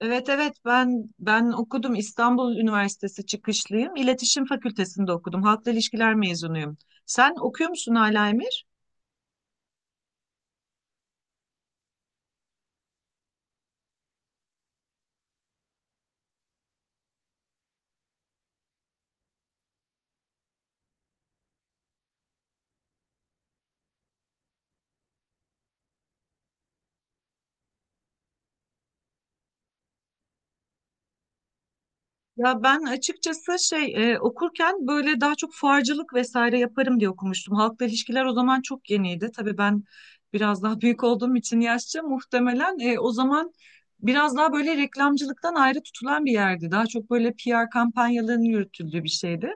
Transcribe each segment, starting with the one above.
Evet evet ben okudum. İstanbul Üniversitesi çıkışlıyım. İletişim Fakültesinde okudum. Halkla ilişkiler mezunuyum. Sen okuyor musun hala Emir? Ya ben açıkçası okurken böyle daha çok fuarcılık vesaire yaparım diye okumuştum. Halkla ilişkiler o zaman çok yeniydi. Tabii ben biraz daha büyük olduğum için yaşça muhtemelen o zaman biraz daha böyle reklamcılıktan ayrı tutulan bir yerdi. Daha çok böyle PR kampanyalarının yürütüldüğü bir şeydi.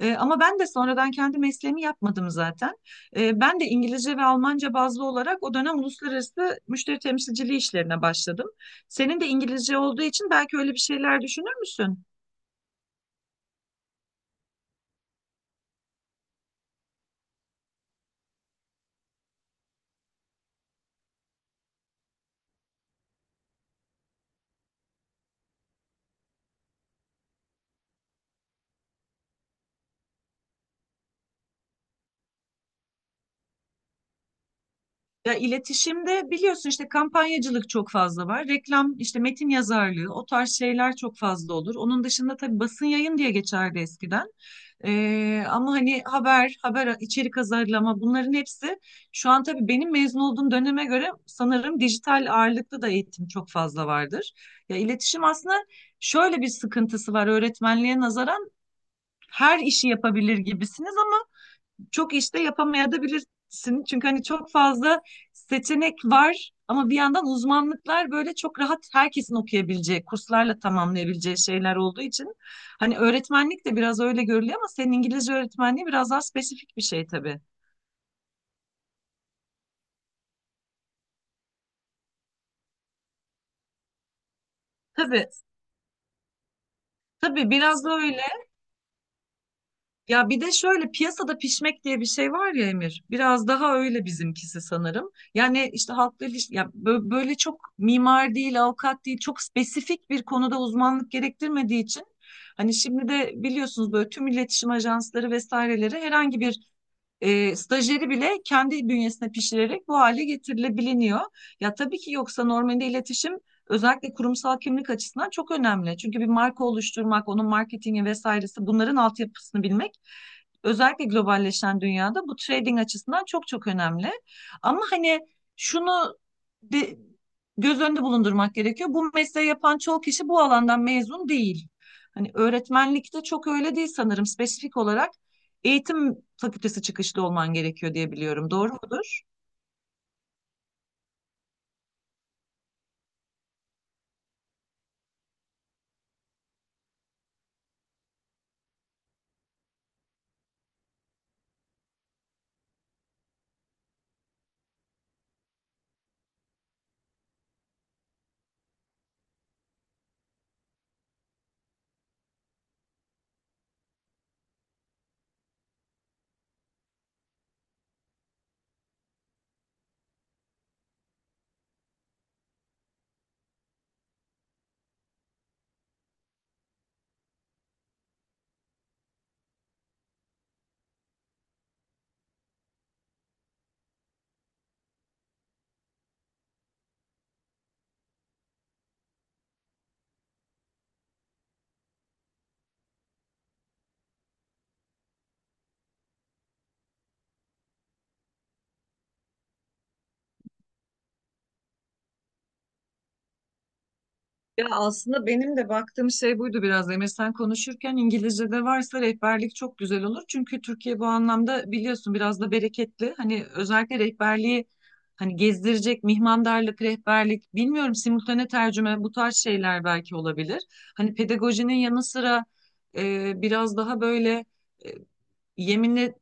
Ama ben de sonradan kendi mesleğimi yapmadım zaten. Ben de İngilizce ve Almanca bazlı olarak o dönem uluslararası müşteri temsilciliği işlerine başladım. Senin de İngilizce olduğu için belki öyle bir şeyler düşünür müsün? Ya iletişimde biliyorsun işte kampanyacılık çok fazla var. Reklam, işte metin yazarlığı, o tarz şeyler çok fazla olur. Onun dışında tabii basın yayın diye geçerdi eskiden. Ama hani haber içerik hazırlama, bunların hepsi şu an tabii benim mezun olduğum döneme göre sanırım dijital ağırlıklı da eğitim çok fazla vardır. Ya iletişim aslında şöyle bir sıkıntısı var: öğretmenliğe nazaran her işi yapabilir gibisiniz, çok işte yapamayabilirsin. Çünkü hani çok fazla seçenek var ama bir yandan uzmanlıklar böyle çok rahat herkesin okuyabileceği, kurslarla tamamlayabileceği şeyler olduğu için hani öğretmenlik de biraz öyle görülüyor, ama senin İngilizce öğretmenliği biraz daha spesifik bir şey tabii. Tabii, tabii biraz da öyle. Ya bir de şöyle piyasada pişmek diye bir şey var ya Emir. Biraz daha öyle bizimkisi sanırım. Yani işte halkla iliş- ya bö- böyle çok mimar değil, avukat değil, çok spesifik bir konuda uzmanlık gerektirmediği için hani şimdi de biliyorsunuz böyle tüm iletişim ajansları vesaireleri herhangi bir stajyeri bile kendi bünyesine pişirerek bu hale getirilebiliniyor. Ya tabii ki, yoksa normalde iletişim özellikle kurumsal kimlik açısından çok önemli. Çünkü bir marka oluşturmak, onun marketingi vesairesi, bunların altyapısını bilmek özellikle globalleşen dünyada bu trading açısından çok çok önemli. Ama hani şunu de- göz önünde bulundurmak gerekiyor: bu mesleği yapan çoğu kişi bu alandan mezun değil. Hani öğretmenlikte çok öyle değil sanırım; spesifik olarak eğitim fakültesi çıkışlı olman gerekiyor diye biliyorum. Doğru mudur? Ya aslında benim de baktığım şey buydu biraz. Emre, sen konuşurken İngilizce'de varsa rehberlik çok güzel olur. Çünkü Türkiye bu anlamda biliyorsun biraz da bereketli. Hani özellikle rehberliği, hani gezdirecek mihmandarlık, rehberlik, bilmiyorum simultane tercüme, bu tarz şeyler belki olabilir. Hani pedagojinin yanı sıra biraz daha böyle e, yeminli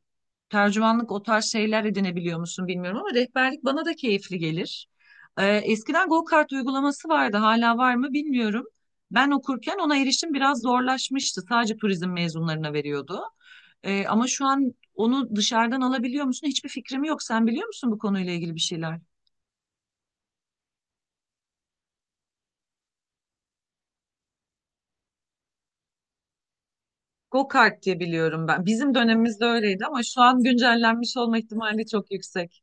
tercümanlık, o tarz şeyler edinebiliyor musun bilmiyorum ama rehberlik bana da keyifli gelir. Eskiden go-kart uygulaması vardı, hala var mı bilmiyorum. Ben okurken ona erişim biraz zorlaşmıştı. Sadece turizm mezunlarına veriyordu. Ama şu an onu dışarıdan alabiliyor musun? Hiçbir fikrim yok. Sen biliyor musun bu konuyla ilgili bir şeyler? Go-kart diye biliyorum ben. Bizim dönemimizde öyleydi ama şu an güncellenmiş olma ihtimali çok yüksek.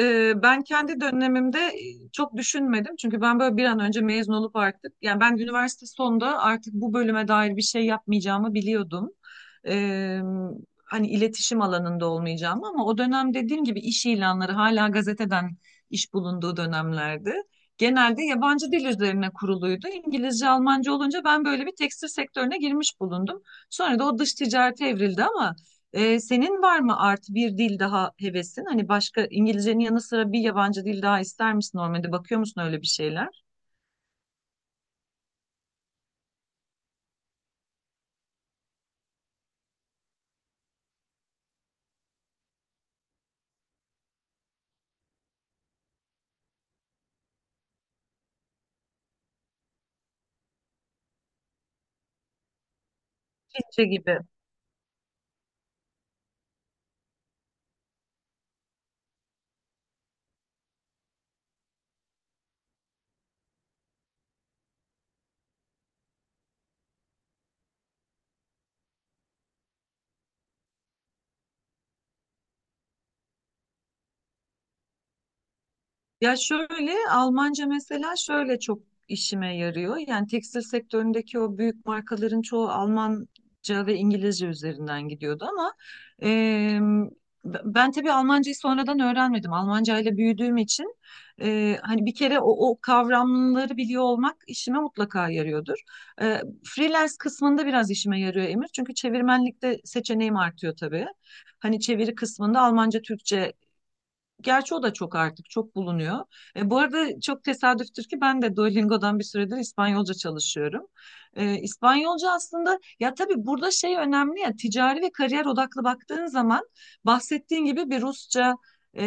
Ben kendi dönemimde çok düşünmedim. Çünkü ben böyle bir an önce mezun olup artık, yani ben üniversite sonunda artık bu bölüme dair bir şey yapmayacağımı biliyordum. Ee, Hani iletişim alanında olmayacağımı, ama o dönem dediğim gibi iş ilanları hala gazeteden iş bulunduğu dönemlerdi. Genelde yabancı dil üzerine kuruluydu. İngilizce, Almanca olunca ben böyle bir tekstil sektörüne girmiş bulundum. Sonra da o dış ticarete evrildi ama senin var mı artı bir dil daha hevesin? Hani başka, İngilizcenin yanı sıra bir yabancı dil daha ister misin normalde? Bakıyor musun öyle bir şeyler? Çince gibi. Ya şöyle Almanca mesela şöyle çok işime yarıyor. Yani tekstil sektöründeki o büyük markaların çoğu Almanca ve İngilizce üzerinden gidiyordu ama e, ben tabii Almancayı sonradan öğrenmedim. Almanca ile büyüdüğüm için hani bir kere o kavramları biliyor olmak işime mutlaka yarıyordur. Freelance kısmında biraz işime yarıyor Emir. Çünkü çevirmenlikte seçeneğim artıyor tabii. Hani çeviri kısmında Almanca, Türkçe. Gerçi o da çok, artık çok bulunuyor. Bu arada çok tesadüftür ki ben de Duolingo'dan bir süredir İspanyolca çalışıyorum. İspanyolca aslında, ya tabii burada şey önemli, ya ticari ve kariyer odaklı baktığın zaman bahsettiğin gibi bir Rusça, e,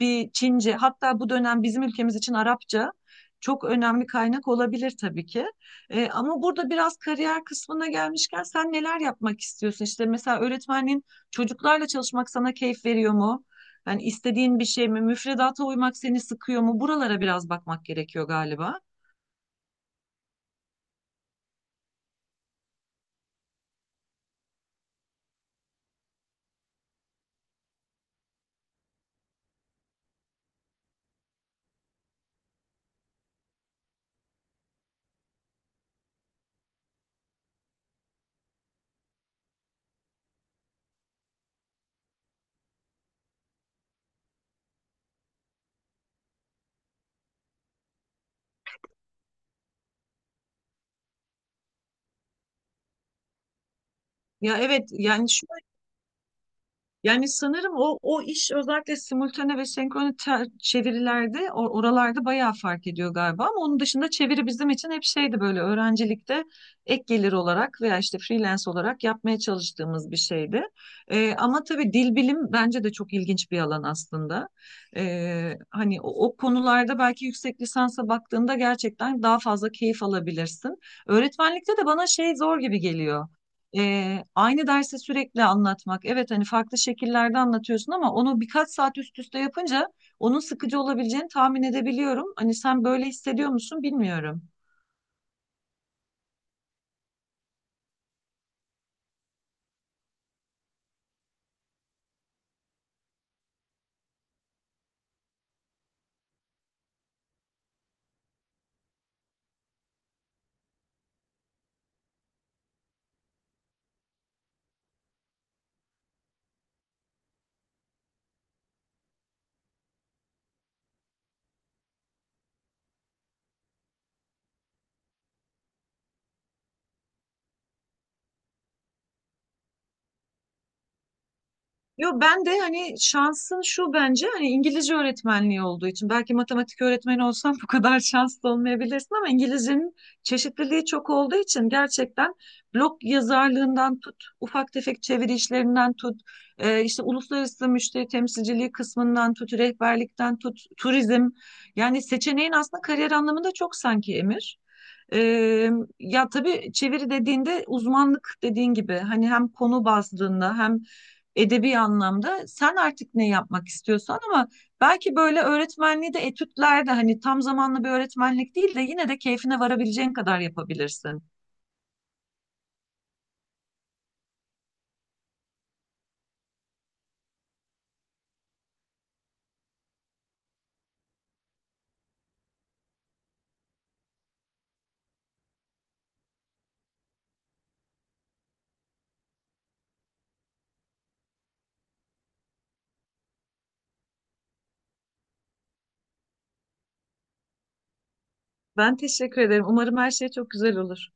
bir Çince, hatta bu dönem bizim ülkemiz için Arapça çok önemli kaynak olabilir tabii ki. Ama burada biraz kariyer kısmına gelmişken sen neler yapmak istiyorsun? İşte mesela öğretmenliğin, çocuklarla çalışmak sana keyif veriyor mu? Yani istediğin bir şey mi? Müfredata uymak seni sıkıyor mu? Buralara biraz bakmak gerekiyor galiba. Ya evet yani, yani sanırım o iş özellikle simultane ve senkrone çevirilerde, oralarda bayağı fark ediyor galiba ama onun dışında çeviri bizim için hep şeydi, böyle öğrencilikte ek gelir olarak veya işte freelance olarak yapmaya çalıştığımız bir şeydi. Ama tabii dil bilim bence de çok ilginç bir alan aslında. Hani o konularda belki yüksek lisansa baktığında gerçekten daha fazla keyif alabilirsin. Öğretmenlikte de bana şey zor gibi geliyor. Aynı dersi sürekli anlatmak. Evet hani farklı şekillerde anlatıyorsun ama onu birkaç saat üst üste yapınca onun sıkıcı olabileceğini tahmin edebiliyorum. Hani sen böyle hissediyor musun bilmiyorum. Yo, ben de hani şansın şu bence, hani İngilizce öğretmenliği olduğu için, belki matematik öğretmeni olsam bu kadar şanslı olmayabilirsin ama İngilizcenin çeşitliliği çok olduğu için gerçekten blog yazarlığından tut, ufak tefek çeviri işlerinden tut, işte uluslararası müşteri temsilciliği kısmından tut, rehberlikten tut, turizm, yani seçeneğin aslında kariyer anlamında çok sanki Emir. Ee, Ya tabii çeviri dediğinde uzmanlık, dediğin gibi hani hem konu bazlığında hem edebi anlamda sen artık ne yapmak istiyorsan, ama belki böyle öğretmenliği de etütlerde, hani tam zamanlı bir öğretmenlik değil de yine de keyfine varabileceğin kadar yapabilirsin. Ben teşekkür ederim. Umarım her şey çok güzel olur.